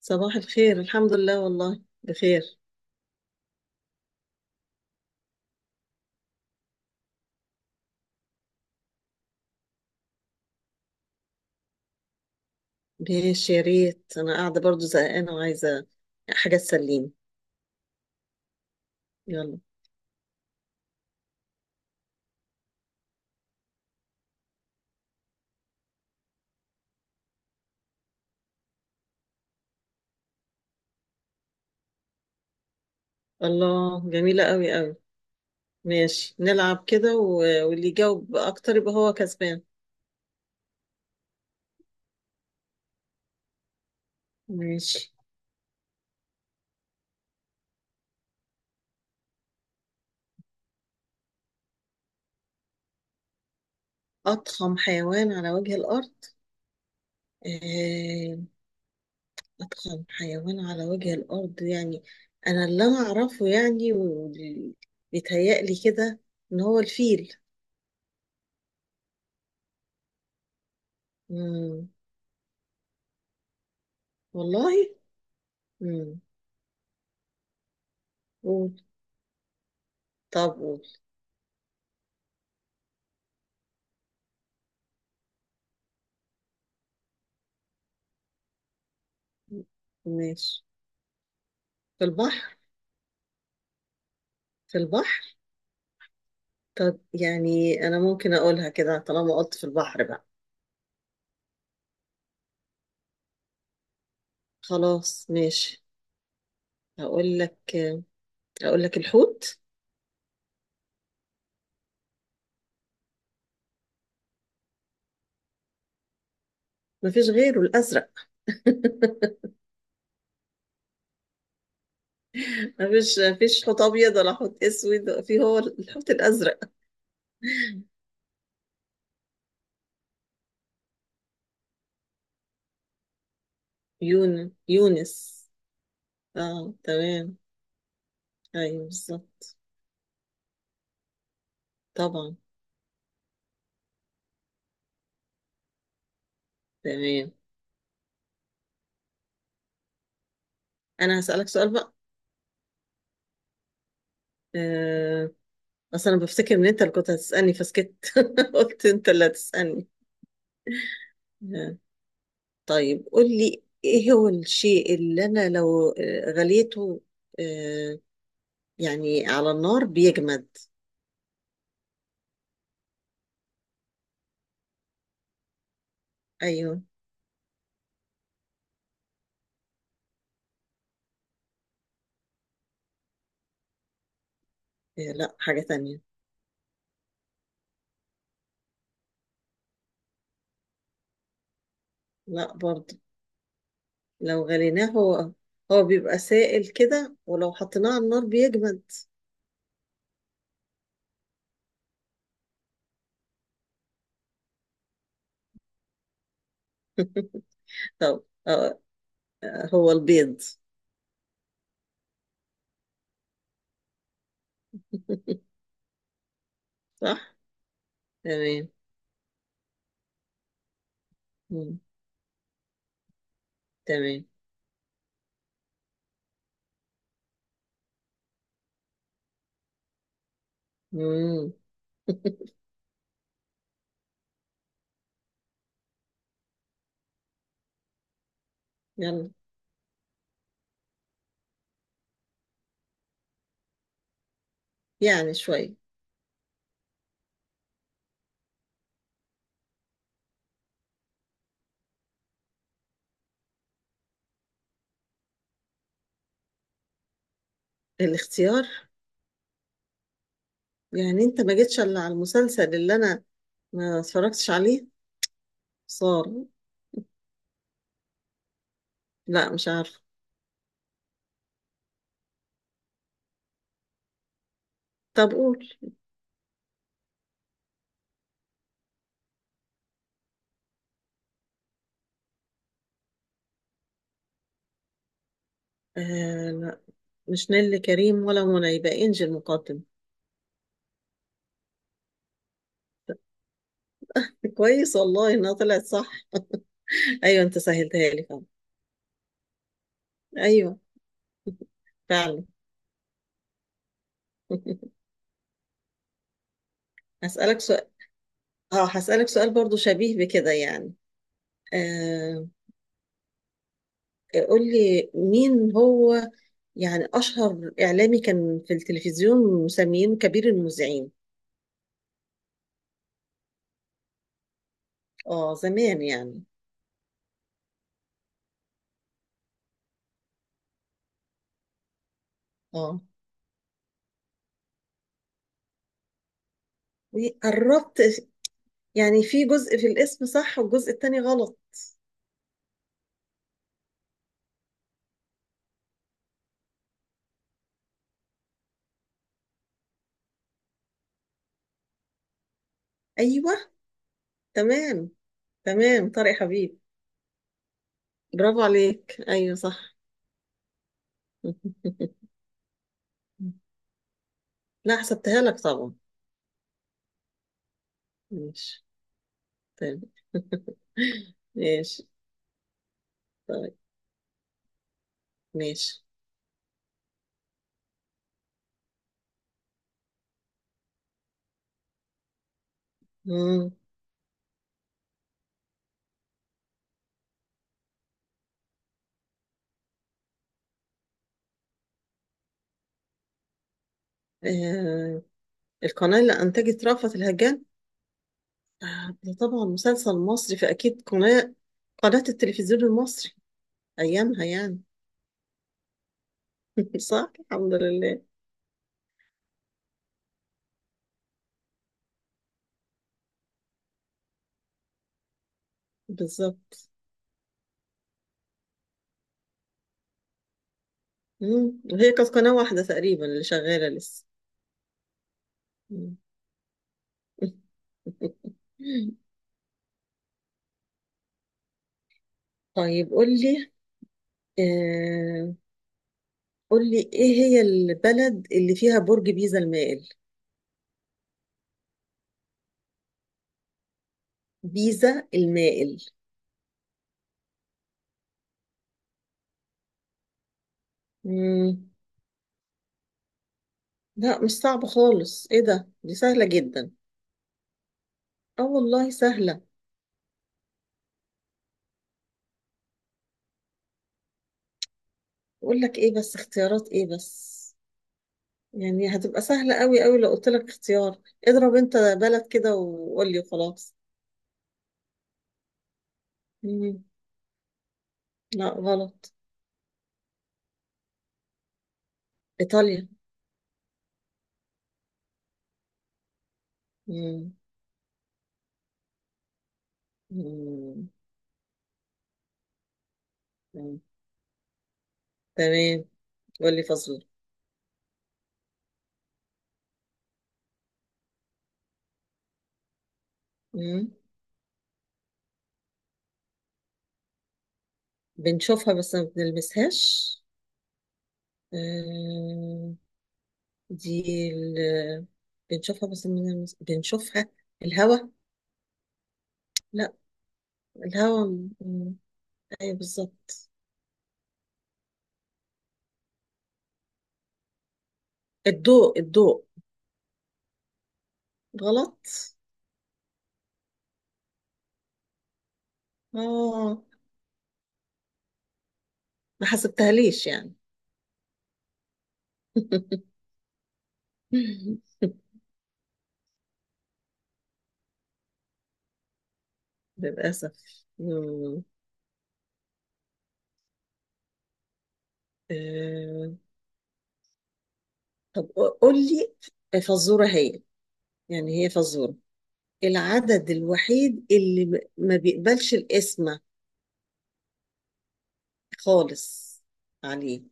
صباح الخير. الحمد لله، والله بخير. ماشي، يا ريت، انا قاعده برضو زهقانه وعايزه حاجه تسليني. يلا. الله، جميله قوي قوي. ماشي نلعب كده واللي يجاوب اكتر يبقى هو كسبان. ماشي. اضخم حيوان على وجه الارض؟ آه، اضخم حيوان على وجه الارض، يعني انا اللي اعرفه، يعني واللي بيتهيألي كده ان هو الفيل. مم. والله. مم. قول طب قول. ماشي. في البحر في البحر. طب يعني أنا ممكن أقولها كده طالما قلت في البحر بقى. خلاص ماشي. هقول لك هقول لك الحوت. مفيش غيره الأزرق. مفيش حوت أبيض ولا حوت أسود، في هو الحوت الأزرق. يونس. اه تمام. أيوه بالظبط. طبعا. تمام. أنا هسألك سؤال بقى. آه. أصل أنا بفتكر إن أنت اللي كنت هتسألني فسكت. قلت أنت اللي هتسألني. آه. طيب قول لي ايه هو الشيء اللي انا لو غليته، آه، يعني على النار بيجمد. ايوه. لا، حاجة تانية. لا برضه. لو غليناه، هو بيبقى سائل كده، ولو حطيناه على النار بيجمد. طب هو البيض. صح. تمام. مم. تمام. مم. يلا. يعني شوية. الاختيار. يعني انت ما جيتش الا على المسلسل اللي انا ما اتفرجتش عليه صار. لا، مش عارفة. طب قول. لا، مش نيللي كريم ولا منى، يبقى انجي المقدم. كويس والله انها طلعت صح. ايوه، انت سهلتها لي فعلا. ايوه، فعلا. هسألك سؤال. اه هسألك سؤال برضو شبيه بكده يعني. آه قول لي مين هو، يعني اشهر اعلامي كان في التلفزيون مسمينه كبير المذيعين. اه، زمان يعني. اه، قربت، يعني في جزء في الاسم صح والجزء التاني غلط. ايوه. تمام. تمام، طارق حبيب. برافو عليك، ايوه صح. لا، حسبتها لك طبعا. ماشي. تمام. ماشي. طيب. ماشي. مم. آه. القناة اللي أنتجت رأفت الهجان. ده طبعا مسلسل مصري، فأكيد قناة التلفزيون المصري أيامها يعني. صح، الحمد لله. بالظبط. مم. وهي كانت قناة واحدة تقريبا اللي شغالة لسه. مم. طيب قول لي، آه، قول لي ايه هي البلد اللي فيها برج بيزا المائل. بيزا المائل. مم. لا، مش صعب خالص، ايه ده، دي سهلة جدا. اه والله سهلة. اقول لك ايه بس، اختيارات ايه بس، يعني هتبقى سهلة قوي قوي لو قلت لك اختيار. اضرب انت بلد كده وقول لي وخلاص. مم. لا، غلط. ايطاليا. مم. مم. مم. تمام. قول لي فاصلة. مم. بنشوفها بس ما بنلمسهاش. آه، دي ال... بنشوفها بس من بنشوفها. الهوا. لا، الهوا. ايوه، بالظبط. الضوء، الضوء. غلط. اه، ما حسبتهاليش يعني. للأسف. مم. آه، طب قول لي فزورة، هي يعني هي فزورة. العدد الوحيد اللي ما بيقبلش القسمة خالص عليه.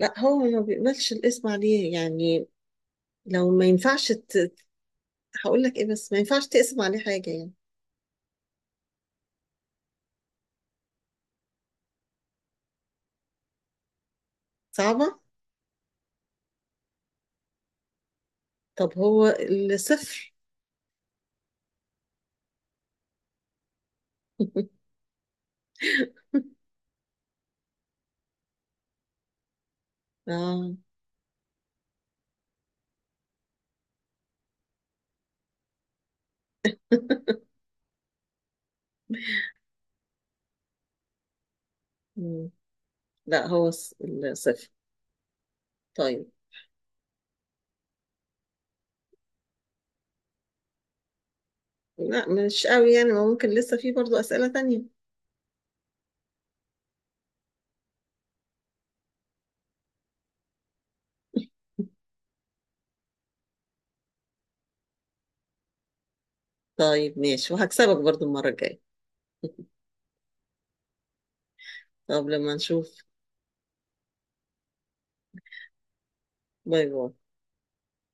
لا، هو ما بيقبلش الاسم عليه، يعني لو ما ينفعش هقول لك ايه بس، ما ينفعش تقسم عليه حاجة يعني. صعبة. طب هو الصفر. اه. مم. لا، هو الصفر. طيب. لا، مش قوي يعني، ما ممكن لسه في برضو أسئلة تانية. طيب ماشي، وهكسبك برضو المرة الجاية. طب لما نشوف. باي باي.